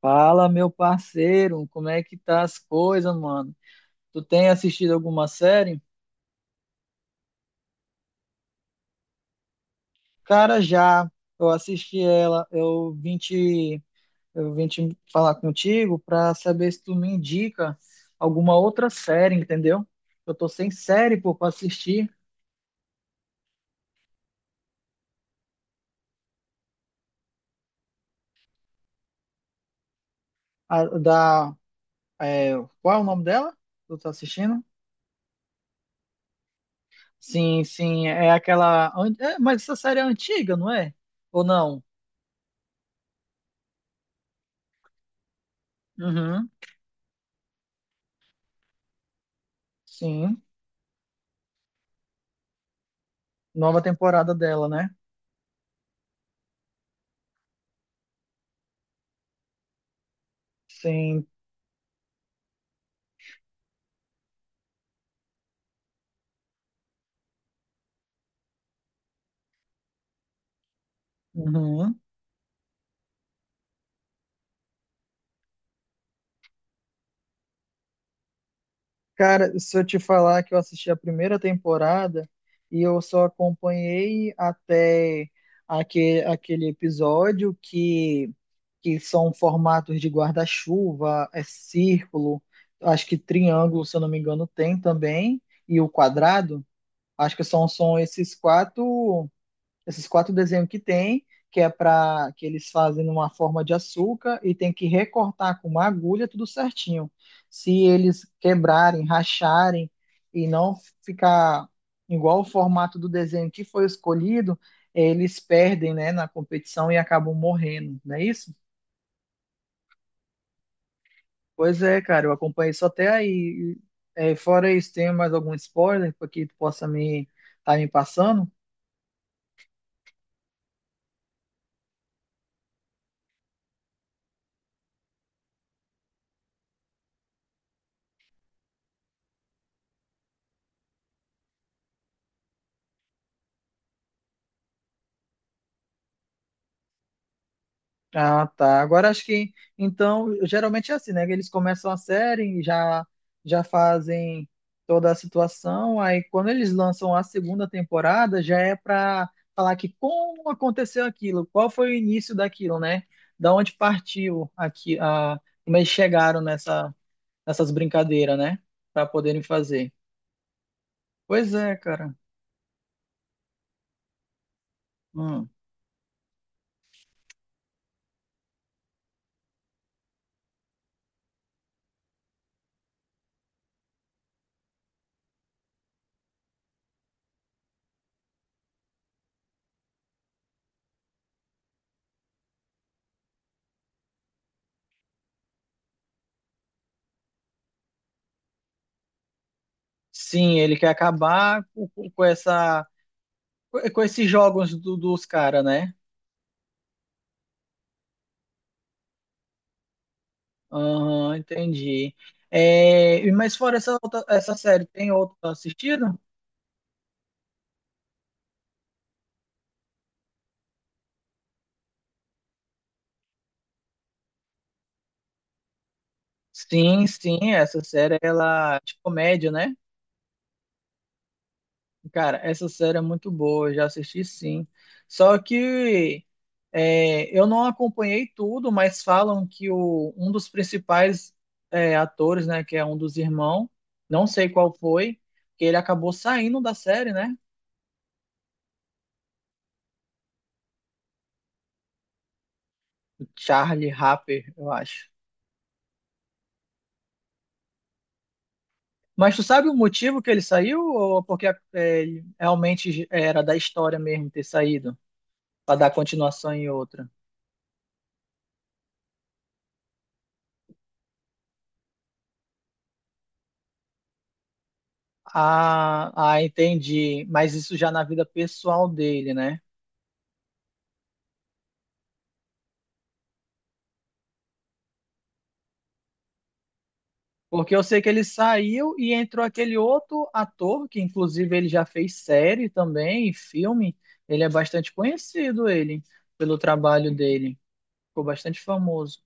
Fala, meu parceiro, como é que tá as coisas, mano? Tu tem assistido alguma série? Cara, já. Eu assisti ela. Eu vim te falar contigo pra saber se tu me indica alguma outra série, entendeu? Eu tô sem série, pô, pra assistir. A, da, é, Qual é o nome dela? Tu tá assistindo? Sim, sim, é aquela. É, mas essa série é antiga, não é? Ou não? Uhum, sim. Nova temporada dela, né? Sim. Uhum. Cara, se eu te falar que eu assisti a primeira temporada e eu só acompanhei até aquele episódio que são formatos de guarda-chuva, é círculo, acho que triângulo, se eu não me engano, tem também, e o quadrado. Acho que são esses quatro, esses quatro desenhos que tem, que é para que eles fazem numa forma de açúcar e tem que recortar com uma agulha tudo certinho. Se eles quebrarem, racharem e não ficar igual o formato do desenho que foi escolhido, eles perdem, né, na competição e acabam morrendo, não é isso? Pois é, cara, eu acompanhei só até aí. É, fora isso, tem mais algum spoiler para que tu possa me tá me passando? Ah, tá. Agora acho que então geralmente é assim, né? Eles começam a série e já fazem toda a situação, aí quando eles lançam a segunda temporada já é para falar que como aconteceu aquilo, qual foi o início daquilo, né? Da onde partiu aqui a como eles chegaram nessas brincadeiras, né? Para poderem fazer. Pois é, cara. Hum. Sim, ele quer acabar com essa, com esses jogos dos caras, né? Aham, entendi. É, mas fora essa série, tem outra assistido? Sim, sim, essa série, ela é de comédia, né? Cara, essa série é muito boa, eu já assisti sim. Só que eu não acompanhei tudo, mas falam que um dos principais, atores, né, que é um dos irmãos, não sei qual foi, que ele acabou saindo da série, né? Charlie Harper, eu acho. Mas tu sabe o motivo que ele saiu, ou porque ele realmente era da história mesmo ter saído para dar continuação em outra? Ah, entendi. Mas isso já na vida pessoal dele, né? Porque eu sei que ele saiu e entrou aquele outro ator, que inclusive ele já fez série também, e filme. Ele é bastante conhecido, ele pelo trabalho dele. Ficou bastante famoso.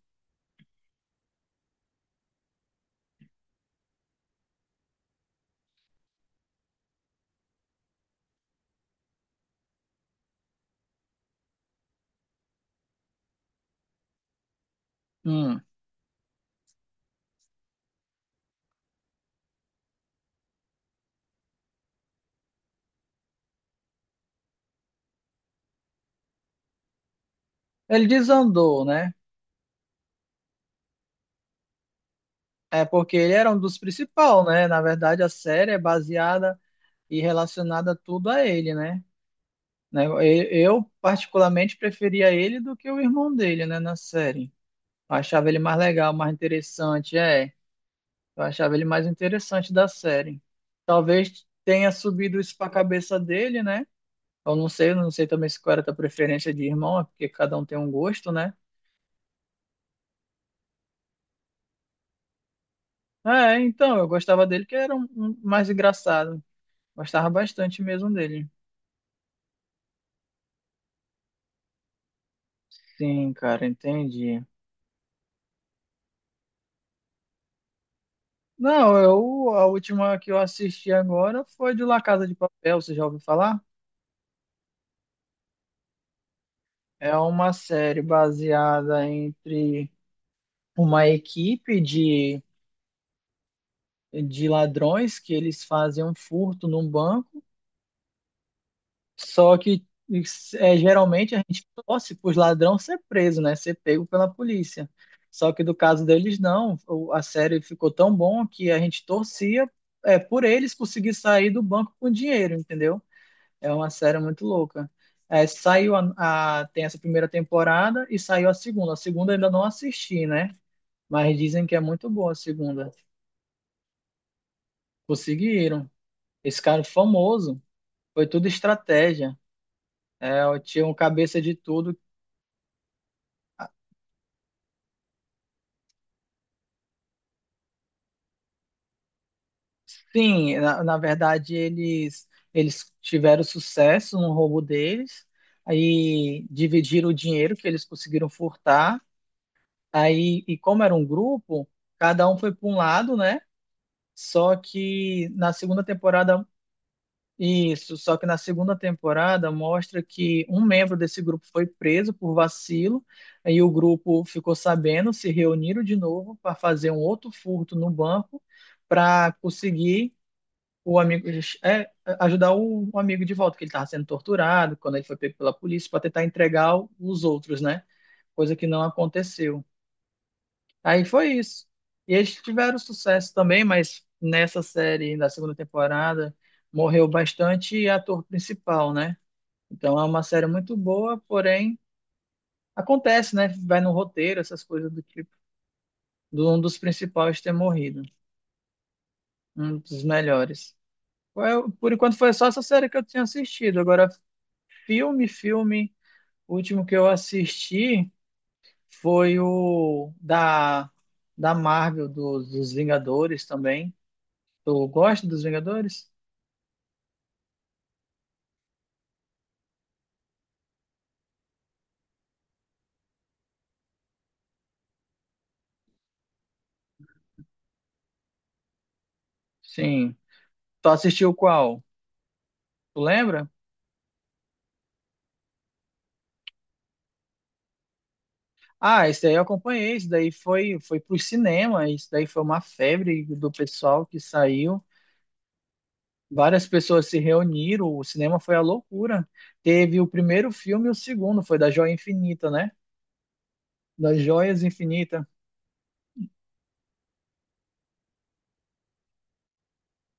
Hum. Ele desandou, né? É porque ele era um dos principais, né? Na verdade, a série é baseada e relacionada tudo a ele, né? Eu, particularmente, preferia ele do que o irmão dele, né, na série. Eu achava ele mais legal, mais interessante, é. Eu achava ele mais interessante da série. Talvez tenha subido isso pra cabeça dele, né? Eu não sei também se qual era a tua preferência de irmão, é porque cada um tem um gosto, né? É, então, eu gostava dele, que era um mais engraçado. Gostava bastante mesmo dele. Sim, cara, entendi. Não, eu, a última que eu assisti agora foi de La Casa de Papel, você já ouviu falar? É uma série baseada entre uma equipe de ladrões que eles fazem um furto num banco, só que geralmente a gente torce para os ladrões ser preso, né? Ser pego pela polícia. Só que do caso deles, não. A série ficou tão bom que a gente torcia por eles conseguir sair do banco com dinheiro, entendeu? É uma série muito louca. É, saiu tem essa primeira temporada e saiu a segunda. A segunda eu ainda não assisti, né? Mas dizem que é muito boa a segunda. Conseguiram. Esse cara é famoso, foi tudo estratégia. É, eu tinha um cabeça de tudo. Ah, sim, na verdade eles tiveram sucesso no roubo deles, aí dividiram o dinheiro que eles conseguiram furtar. Aí, e como era um grupo, cada um foi para um lado, né? Só que na segunda temporada, isso, só que na segunda temporada mostra que um membro desse grupo foi preso por vacilo, aí o grupo ficou sabendo, se reuniram de novo para fazer um outro furto no banco para conseguir o amigo é, ajudar o amigo de volta, que ele estava sendo torturado quando ele foi pego pela polícia, para tentar entregar os outros, né? Coisa que não aconteceu. Aí foi isso. E eles tiveram sucesso também, mas nessa série, na segunda temporada, morreu bastante ator principal, né? Então é uma série muito boa, porém acontece, né? Vai no roteiro, essas coisas do tipo, do um dos principais ter morrido, um dos melhores. Por enquanto foi só essa série que eu tinha assistido. Agora, filme, o último que eu assisti foi o da Marvel, dos Vingadores também. Tu gosta dos Vingadores? Sim. Tu assistiu qual? Tu lembra? Ah, esse daí eu acompanhei, isso daí foi pro cinema, isso daí foi uma febre do pessoal que saiu. Várias pessoas se reuniram, o cinema foi a loucura. Teve o primeiro filme e o segundo, foi da Joia Infinita, né? Das Joias Infinita.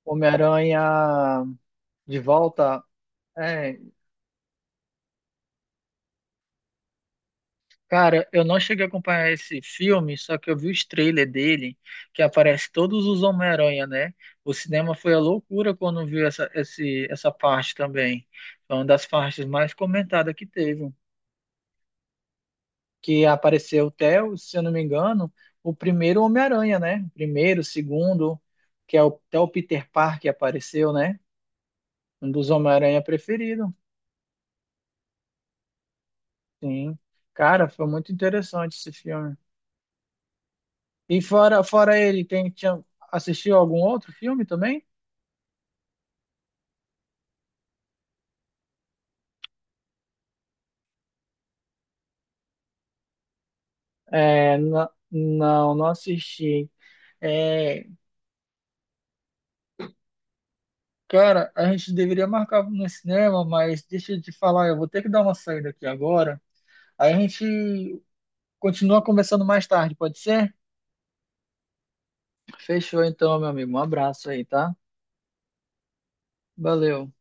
Homem-Aranha de volta, é. Cara, eu não cheguei a acompanhar esse filme, só que eu vi os trailers dele, que aparece todos os Homem-Aranha, né? O cinema foi a loucura quando viu essa parte também. Foi uma das partes mais comentadas que teve. Que apareceu até, se eu não me engano, o primeiro Homem-Aranha, né? O primeiro, o segundo, que é o, até o Peter Parker apareceu, né? Um dos Homem-Aranha preferido. Sim. Cara, foi muito interessante esse filme. E fora ele, tinha, assistiu algum outro filme também? É, não, não assisti. É, cara, a gente deveria marcar no cinema, mas deixa eu te falar, eu vou ter que dar uma saída aqui agora. Aí a gente continua conversando mais tarde, pode ser? Fechou então, meu amigo. Um abraço aí, tá? Valeu.